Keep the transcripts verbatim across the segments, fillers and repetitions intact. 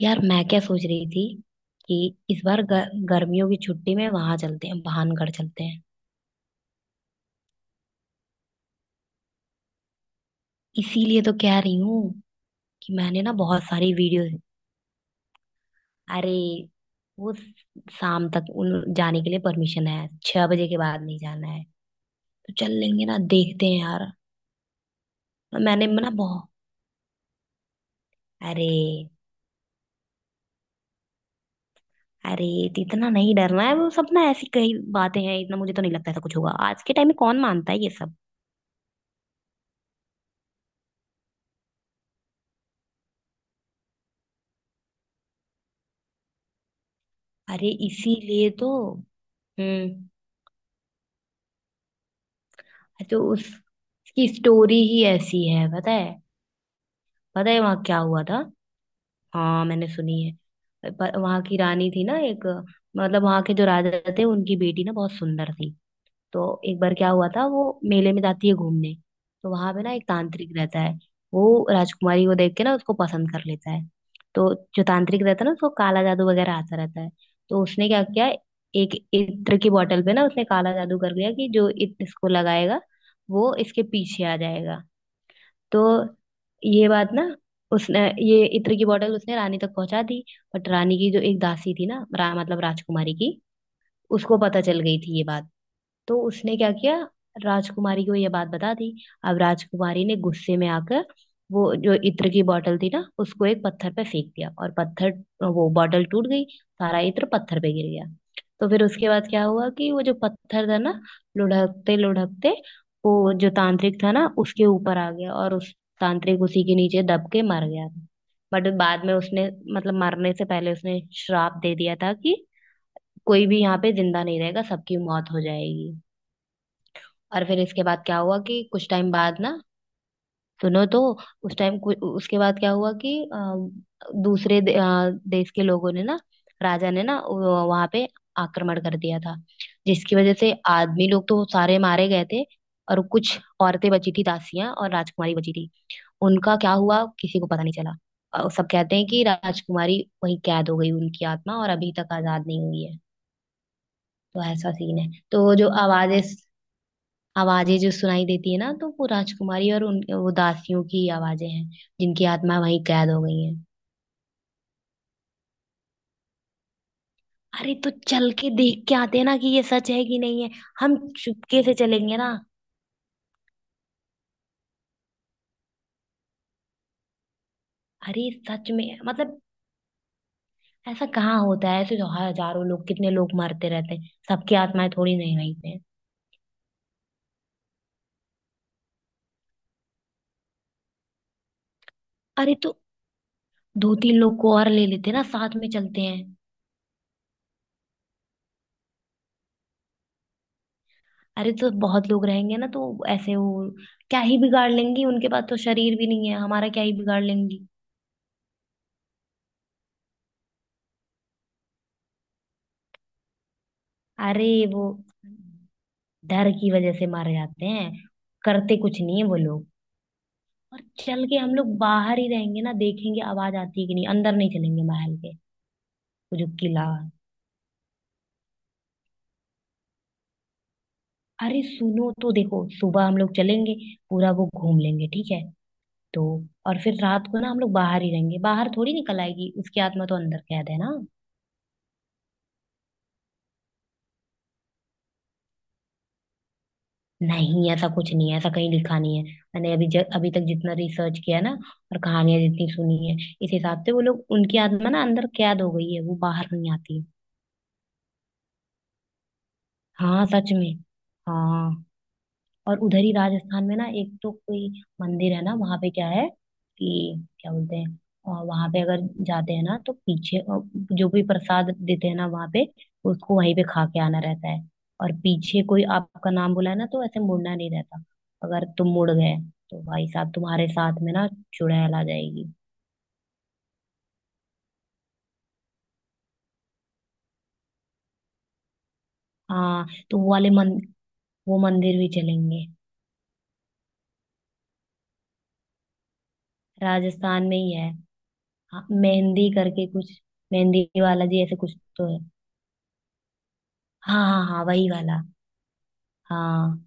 यार मैं क्या सोच रही थी कि इस बार गर, गर्मियों की छुट्टी में वहां चलते हैं, भानगढ़ चलते हैं। इसीलिए तो कह रही हूँ कि मैंने ना बहुत सारी वीडियोस। अरे वो शाम तक उन जाने के लिए परमिशन है, छह बजे के बाद नहीं जाना है। तो चल लेंगे ना, देखते हैं यार। मैंने ना बहुत। अरे अरे, तो इतना नहीं डरना है। वो सब ना ऐसी कई बातें हैं, इतना मुझे तो नहीं लगता ऐसा कुछ होगा। आज के टाइम में कौन मानता है ये सब। अरे इसीलिए तो। हम्म, तो उस उसकी स्टोरी ही ऐसी है, पता है। पता है वहां क्या हुआ था। हाँ मैंने सुनी है, पर वहां की रानी थी ना एक, मतलब वहां के जो राजा थे उनकी बेटी ना बहुत सुंदर थी। तो एक बार क्या हुआ था, वो मेले में जाती है घूमने। तो वहां पे ना एक तांत्रिक रहता है। वो राजकुमारी को देख के ना उसको पसंद कर लेता है। तो जो तांत्रिक रहता है ना, उसको काला जादू वगैरह आता रहता है। तो उसने क्या किया, एक इत्र की बोतल पे ना उसने काला जादू कर दिया कि जो इत्र इसको लगाएगा, वो इसके पीछे आ जाएगा। तो ये बात ना उसने, ये इत्र की बोतल उसने रानी तक पहुंचा दी। बट रानी की जो एक दासी थी ना, रा, मतलब राजकुमारी की, उसको पता चल गई थी ये बात। तो उसने क्या किया, राजकुमारी को ये बात बता दी। अब राजकुमारी ने गुस्से में आकर वो जो इत्र की बोतल थी ना, उसको एक पत्थर पे फेंक दिया, और पत्थर, वो बोतल टूट गई, सारा इत्र पत्थर पे गिर गया। तो फिर उसके बाद क्या हुआ कि वो जो पत्थर था ना, लुढ़कते लुढ़कते वो जो तांत्रिक था ना उसके ऊपर आ गया, और उस तांत्रिक उसी के नीचे दब के मर गया था। बट बाद में उसने, मतलब मरने से पहले उसने श्राप दे दिया था कि कोई भी यहाँ पे जिंदा नहीं रहेगा, सबकी मौत हो जाएगी। और फिर इसके बाद क्या हुआ कि कुछ टाइम बाद ना, सुनो तो, उस टाइम उसके बाद क्या हुआ कि अ, दूसरे दे, अ, देश के लोगों ने ना, राजा ने ना वहां पे आक्रमण कर दिया था। जिसकी वजह से आदमी लोग तो सारे मारे गए थे, और कुछ औरतें बची थी, दासियां और राजकुमारी बची थी। उनका क्या हुआ किसी को पता नहीं चला। और सब कहते हैं कि राजकुमारी वहीं कैद हो गई, उनकी आत्मा, और अभी तक आजाद नहीं हुई है। तो ऐसा सीन है, तो जो आवाजें आवाजें जो सुनाई देती है ना, तो वो राजकुमारी और उन वो दासियों की आवाजें हैं, जिनकी आत्मा वहीं कैद हो गई है। अरे तो चल के देख के आते हैं ना कि ये सच है कि नहीं है। हम चुपके से चलेंगे ना। अरे सच में, मतलब ऐसा कहाँ होता है। ऐसे तो हजारों लोग, कितने लोग मरते रहते हैं, सबकी आत्माएं थोड़ी नहीं रहती हैं। अरे तो दो तीन लोग को और ले लेते हैं ना, साथ में चलते हैं। अरे तो बहुत लोग रहेंगे ना, तो ऐसे वो क्या ही बिगाड़ लेंगी। उनके पास तो शरीर भी नहीं है, हमारा क्या ही बिगाड़ लेंगी। अरे वो डर की वजह से मारे जाते हैं, करते कुछ नहीं है वो लोग। और चल के हम लोग बाहर ही रहेंगे ना, देखेंगे आवाज आती है कि नहीं, अंदर नहीं चलेंगे महल के। वो जो किला, अरे सुनो तो, देखो सुबह हम लोग चलेंगे, पूरा वो घूम लेंगे, ठीक है। तो और फिर रात को ना हम लोग बाहर ही रहेंगे, बाहर थोड़ी निकल आएगी उसकी आत्मा, तो अंदर कैद है ना। नहीं ऐसा कुछ नहीं है, ऐसा कहीं लिखा नहीं है। मैंने अभी ज, अभी तक जितना रिसर्च किया ना, और कहानियां जितनी सुनी है, इस हिसाब से वो लोग, उनकी आत्मा ना अंदर कैद हो गई है, वो बाहर नहीं आती है। हाँ सच में। हाँ, और उधर ही राजस्थान में ना एक तो कोई मंदिर है ना, वहां पे क्या है, कि क्या बोलते हैं। और वहां पे अगर जाते हैं ना, तो पीछे अ, जो भी प्रसाद देते हैं ना वहां पे, उसको वहीं पे खा के आना रहता है। और पीछे कोई आपका नाम बुलाए ना, तो ऐसे मुड़ना नहीं रहता। अगर तुम मुड़ गए तो भाई साहब तुम्हारे साथ में ना चुड़ैल आ जाएगी। हाँ तो वो वाले मन वो मंदिर भी चलेंगे। राजस्थान में ही है। हाँ, मेहंदी करके कुछ, मेहंदी वाला जी ऐसे कुछ तो है। हाँ हाँ हाँ, वही वाला। हाँ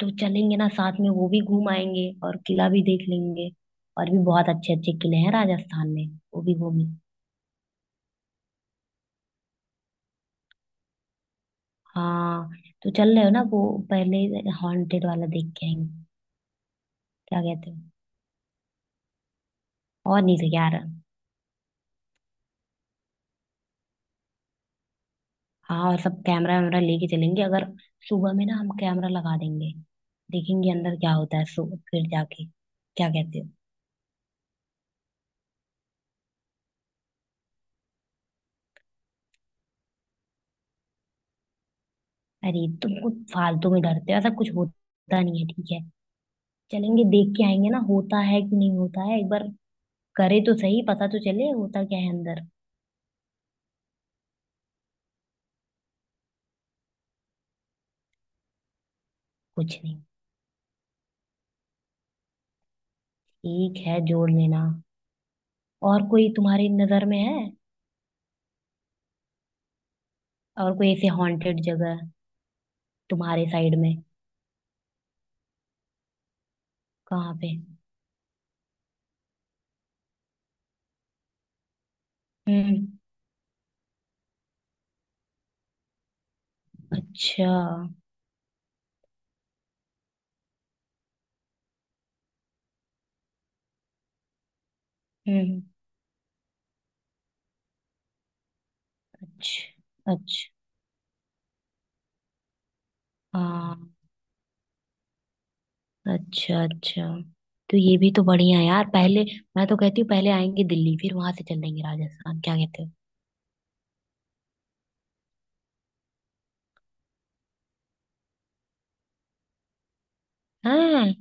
तो चलेंगे ना साथ में, वो भी घूम आएंगे और किला भी देख लेंगे। और भी बहुत अच्छे अच्छे किले हैं राजस्थान में। वो भी घूम। हाँ तो चल रहे हो ना वो, पहले हॉन्टेड वाला देख के आएंगे। क्या कहते हो। और नहीं तो यार। हाँ, और सब कैमरा वैमरा लेके चलेंगे। अगर सुबह में ना हम कैमरा लगा देंगे, देखेंगे अंदर क्या होता है। सो फिर जाके क्या कहते हो। अरे तुम कुछ फालतू में डरते हो, ऐसा कुछ होता नहीं है, ठीक है। चलेंगे देख के आएंगे ना, होता है कि नहीं होता है, एक बार करे तो सही, पता तो चले होता क्या है अंदर। कुछ नहीं। ठीक है, जोड़ लेना। और कोई तुम्हारी नजर में है। और कोई ऐसे हॉन्टेड जगह, तुम्हारे साइड में। कहाँ पे। हम्म। अच्छा। हम्म। अच्छा अच्छा। हाँ। अच्छा अच्छा। तो ये भी तो बढ़िया है यार। पहले, मैं तो कहती हूँ, पहले आएंगे दिल्ली, फिर वहां से चलेंगे राजस्थान, क्या कहते हो। हाँ।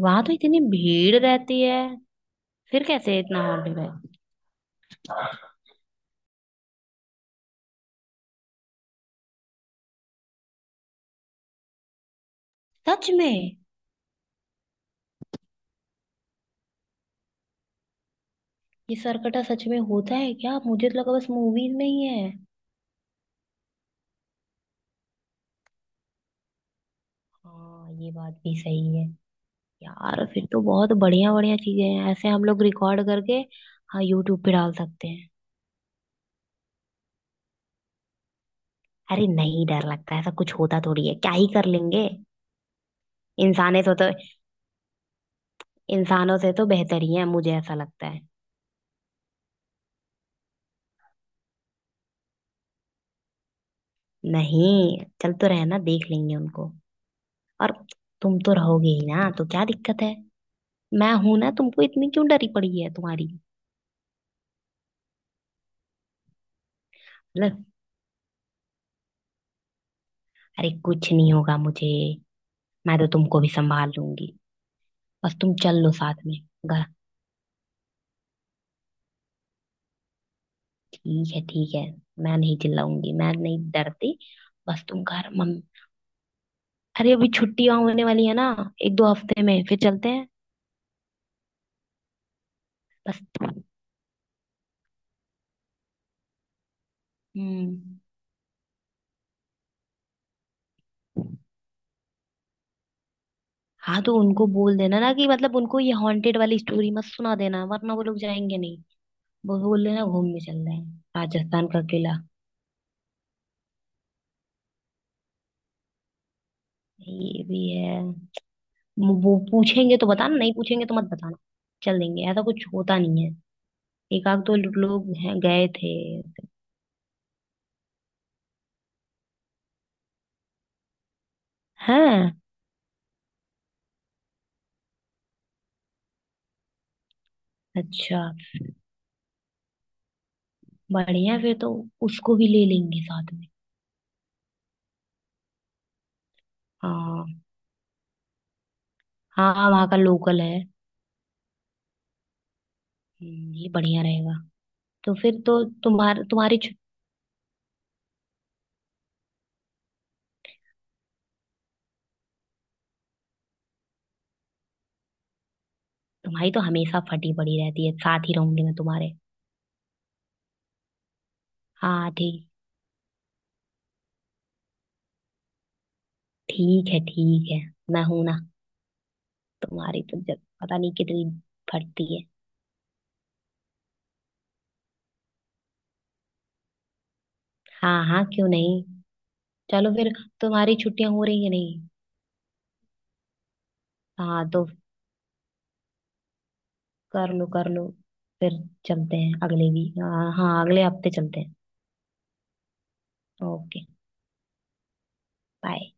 वहां तो इतनी भीड़ रहती है। फिर कैसे इतना हॉन्टेड है। सच में। ये सरकटा सच में होता है क्या, मुझे तो लगा बस मूवीज में ही है। हाँ ये बात भी सही है। यार फिर तो बहुत बढ़िया बढ़िया चीजें हैं। ऐसे हम लोग रिकॉर्ड करके, हाँ, यूट्यूब पे डाल सकते हैं। अरे नहीं, डर लगता है, ऐसा कुछ होता थोड़ी है, क्या ही कर लेंगे। इंसाने से तो, इंसानों से तो बेहतर ही है मुझे ऐसा लगता है। नहीं चल तो, रहना देख लेंगे उनको। और तुम तो रहोगे ही ना, तो क्या दिक्कत है। मैं हूं ना, तुमको इतनी क्यों डरी पड़ी है तुम्हारी। मतलब, अरे कुछ नहीं होगा मुझे। मैं तो तुमको भी संभाल लूंगी, बस तुम चल लो साथ में। घर, ठीक है ठीक है। मैं नहीं चिल्लाऊंगी, मैं नहीं डरती। बस तुम घर मम, अरे अभी छुट्टियां होने वाली है ना, एक दो हफ्ते में फिर चलते हैं। बस। हम्म। हाँ तो उनको बोल देना ना कि, मतलब उनको ये हॉन्टेड वाली स्टोरी मत सुना देना, वरना वो लोग जाएंगे नहीं। वो बोल देना घूमने चल रहे हैं राजस्थान का किला। ये भी है। वो वो पूछेंगे तो बताना, नहीं पूछेंगे तो मत बताना। चल देंगे, ऐसा कुछ होता नहीं है। एक आध दो लोग हैं गए थे। हैं। अच्छा। बढ़िया फिर तो, उसको भी ले लेंगे साथ में। हाँ हाँ, वहाँ का लोकल है। हम्म, ये बढ़िया रहेगा। तो फिर तो तुम्हार तुम्हारी छु-, तुम्हारी तो हमेशा फटी पड़ी रहती है, साथ ही रहूंगी मैं तुम्हारे। हाँ ठीक, ठीक है ठीक है, मैं हूं ना। तुम्हारी तो जब पता नहीं कितनी फटती है। हाँ हाँ क्यों नहीं। चलो फिर, तुम्हारी छुट्टियां हो रही है नहीं। हाँ तो कर लो कर लो, फिर चलते हैं अगले भी। हाँ हाँ, अगले हफ्ते चलते हैं। ओके। बाय।